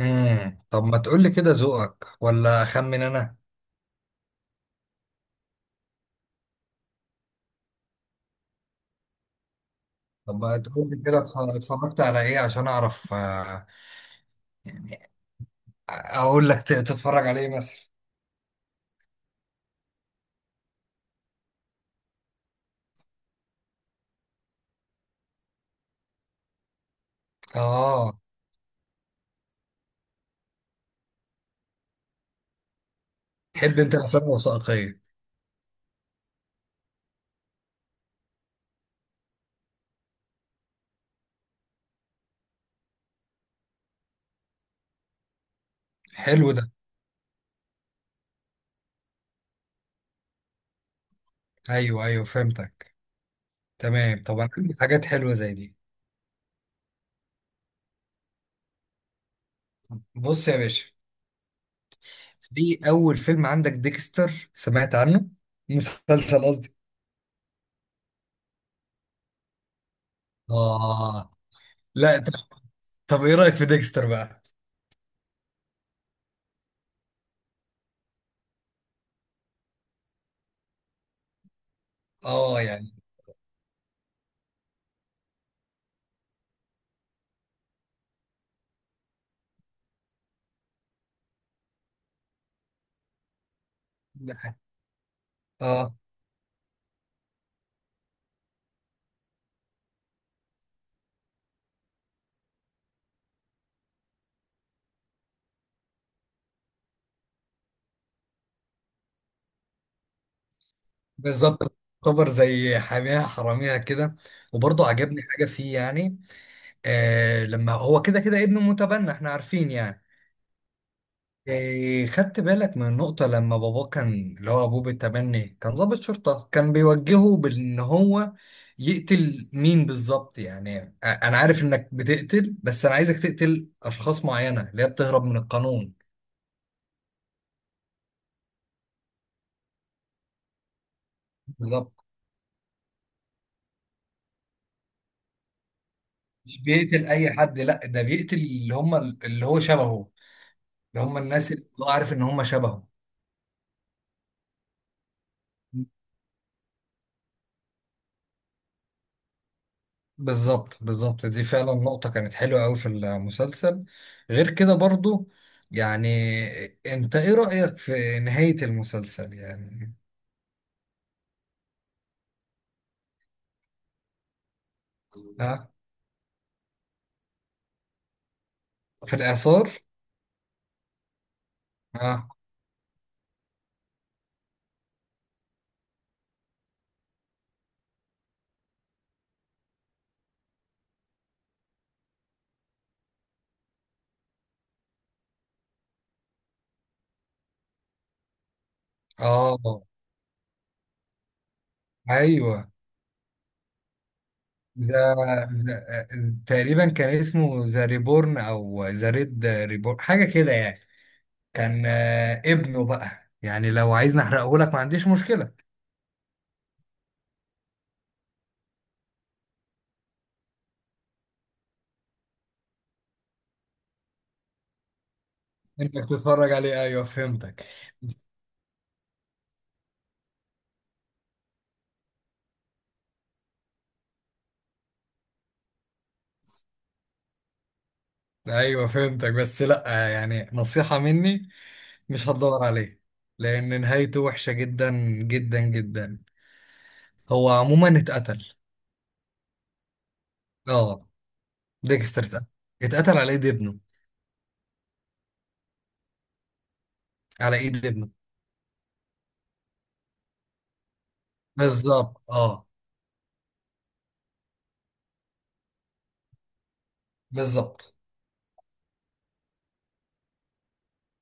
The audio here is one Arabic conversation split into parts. طب ما تقول لي كده، ذوقك ولا اخمن انا؟ طب ما تقول لي كده، اتفرجت على ايه عشان اعرف، يعني اقول لك تتفرج على ايه مثلا؟ اه، تحب انت الافلام الوثائقيه؟ حلو ده. ايوه ايوه، فهمتك. تمام، طب انا عندي حاجات حلوه زي دي. بص يا باشا، في اول فيلم عندك ديكستر، سمعت عنه؟ مسلسل قصدي. اه. لا طب، طب ايه رايك في ديكستر بقى؟ اه يعني. ده- اه بالظبط. تعتبر زي حاميها حراميها كده، وبرضه عجبني حاجة فيه يعني. آه، لما هو كده كده ابنه متبنى، احنا عارفين يعني. آه، خدت بالك من النقطة لما باباه، كان اللي هو أبوه بالتبني، كان ضابط شرطة، كان بيوجهه بأن هو يقتل مين بالظبط يعني. أنا عارف إنك بتقتل، بس أنا عايزك تقتل أشخاص معينة اللي هي بتهرب من القانون. بالظبط، مش بيقتل أي حد، لا ده بيقتل اللي هم اللي هو شبهه، اللي هم الناس اللي هو عارف إن هم شبهه. بالظبط بالظبط، دي فعلا نقطة كانت حلوة أوي في المسلسل. غير كده برضو يعني، أنت إيه رأيك في نهاية المسلسل يعني؟ ها. في الإعصار. ها. آه. أيوه. ذا. ذا، تقريبا كان اسمه ذا ريبورن أو ذا ريد ريبورن حاجة كده يعني. كان ابنه بقى، يعني لو عايز نحرقه لك ما عنديش مشكلة. أنت بتتفرج عليه، أيوه فهمتك. ايوه فهمتك، بس لا، يعني نصيحة مني، مش هتدور عليه، لان نهايته وحشة جدا، جدا جدا. هو عموما اتقتل. اه، ديكستر اتقتل. اتقتل على ايد ابنه. على ايد ابنه. بالظبط، اه. بالظبط.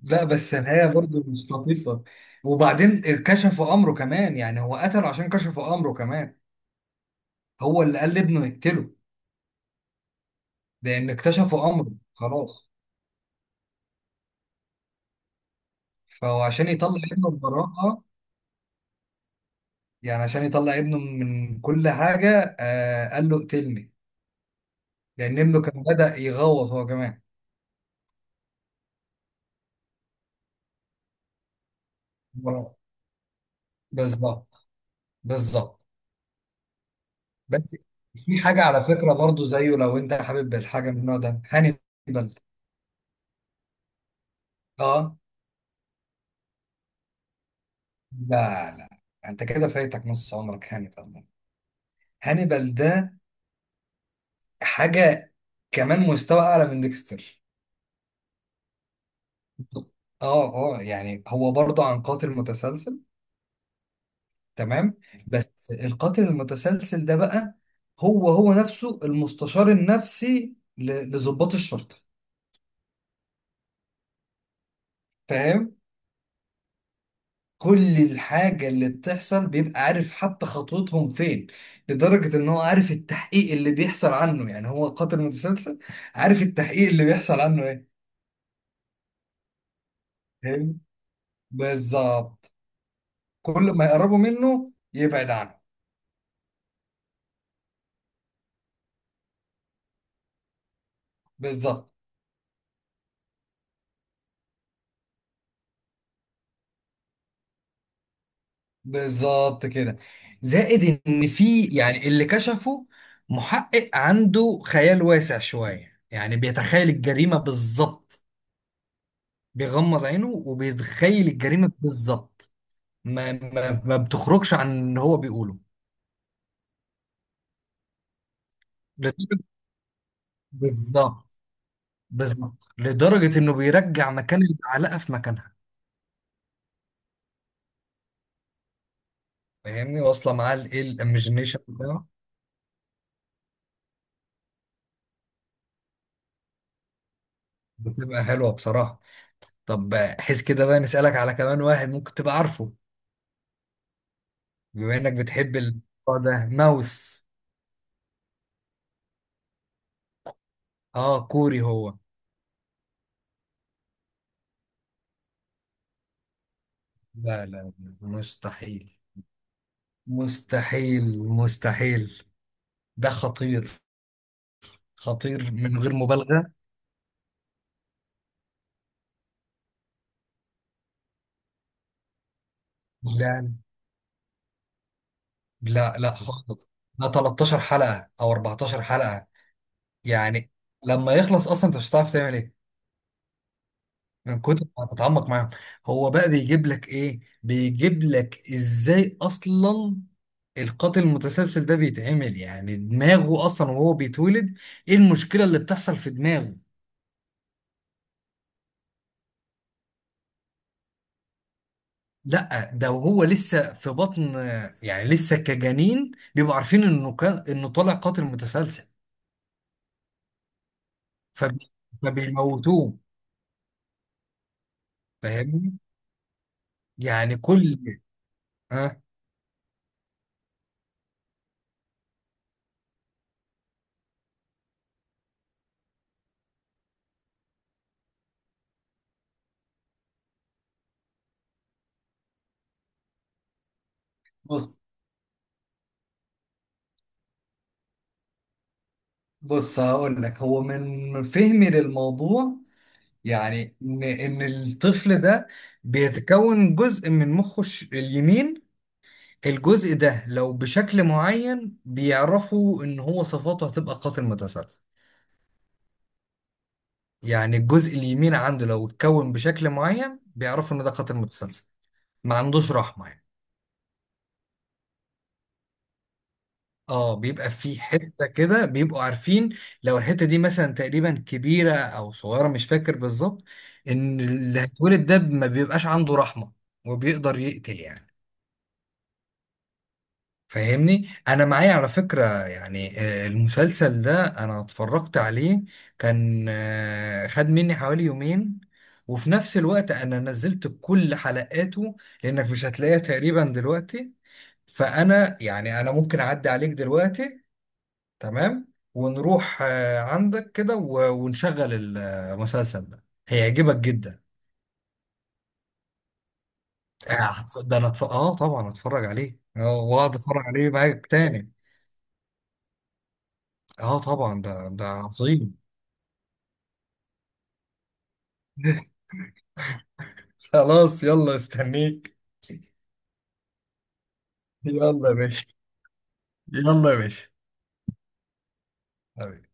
لا بس النهاية برضو مش لطيفة، وبعدين كشفوا امره كمان يعني. هو قتله عشان كشفوا امره كمان. هو اللي قال لابنه يقتله لان اكتشفوا امره خلاص. فهو عشان يطلع ابنه ببراءة، يعني عشان يطلع ابنه من كل حاجة، آه قال له اقتلني، لان ابنه كان بدأ يغوط هو كمان. بالظبط بالظبط. بس في حاجة على فكرة برضو زيه، لو انت حابب الحاجة من النوع ده، هانيبال. اه. لا لا، انت كده فايتك نص عمرك. هانيبال ده، هانيبال ده حاجة كمان مستوى اعلى من ديكستر. اه اه، يعني هو برضو عن قاتل متسلسل. تمام. بس القاتل المتسلسل ده بقى هو نفسه المستشار النفسي لضباط الشرطة. فاهم، كل الحاجة اللي بتحصل بيبقى عارف، حتى خطوتهم فين، لدرجة ان هو عارف التحقيق اللي بيحصل عنه، يعني هو قاتل متسلسل، عارف التحقيق اللي بيحصل عنه ايه. فاهم. بالظبط. كل ما يقربوا منه يبعد عنه. بالظبط بالظبط كده. زائد ان في يعني اللي كشفه، محقق عنده خيال واسع شوية، يعني بيتخيل الجريمة بالظبط، بيغمض عينه وبيتخيل الجريمة بالظبط، ما بتخرجش عن اللي هو بيقوله. لدرجة. بالظبط. بالظبط لدرجة انه بيرجع مكان المعلقة في مكانها. فاهمني؟ واصلة معاه الايه، الايميجينيشن بتاعه. بتبقى حلوة بصراحة. طب حس كده بقى، نسألك على كمان واحد ممكن تبقى عارفه، بما انك بتحب الموضوع ده، ماوس. اه، كوري هو. لا لا لا، مستحيل. مستحيل مستحيل. ده خطير. خطير من غير مبالغة. لا لا لا خالص. ده 13 حلقة او 14 حلقة يعني. لما يخلص اصلا، انت مش هتعرف تعمل ايه، من كتر ما هتتعمق معاهم. هو بقى بيجيب لك ايه؟ بيجيب لك ازاي اصلا؟ القاتل المتسلسل ده بيتعمل، يعني دماغه اصلا وهو بيتولد. ايه المشكلة اللي بتحصل في دماغه؟ لا ده وهو لسه في بطن، يعني لسه كجنين بيبقوا عارفين انه كان، انه طالع قاتل متسلسل. فبي- فبيموتوه. فاهمني؟ يعني كل. ها. بص بص، هقول لك هو من فهمي للموضوع، يعني ان الطفل ده بيتكون جزء من مخه اليمين. الجزء ده لو بشكل معين بيعرفوا ان هو صفاته هتبقى قاتل متسلسل. يعني الجزء اليمين عنده لو اتكون بشكل معين بيعرفوا ان ده قاتل متسلسل، ما عندوش رحمة يعني. اه، بيبقى في حته كده بيبقوا عارفين، لو الحته دي مثلا تقريبا كبيره او صغيره، مش فاكر بالظبط، ان اللي هيتولد ده ما بيبقاش عنده رحمه، وبيقدر يقتل يعني. فاهمني؟ انا معايا على فكره يعني، المسلسل ده انا اتفرجت عليه، كان خد مني حوالي يومين، وفي نفس الوقت انا نزلت كل حلقاته لانك مش هتلاقيها تقريبا دلوقتي. فانا يعني انا ممكن اعدي عليك دلوقتي تمام، ونروح عندك كده ونشغل المسلسل ده، هيعجبك جدا. ده انا اه طبعا هتفرج عليه، اه واقعد اتفرج عليه معاك تاني. اه طبعا، ده عظيم. خلاص، يلا استنيك. يلا يا باشا. يلا يا باشا. حبيبي.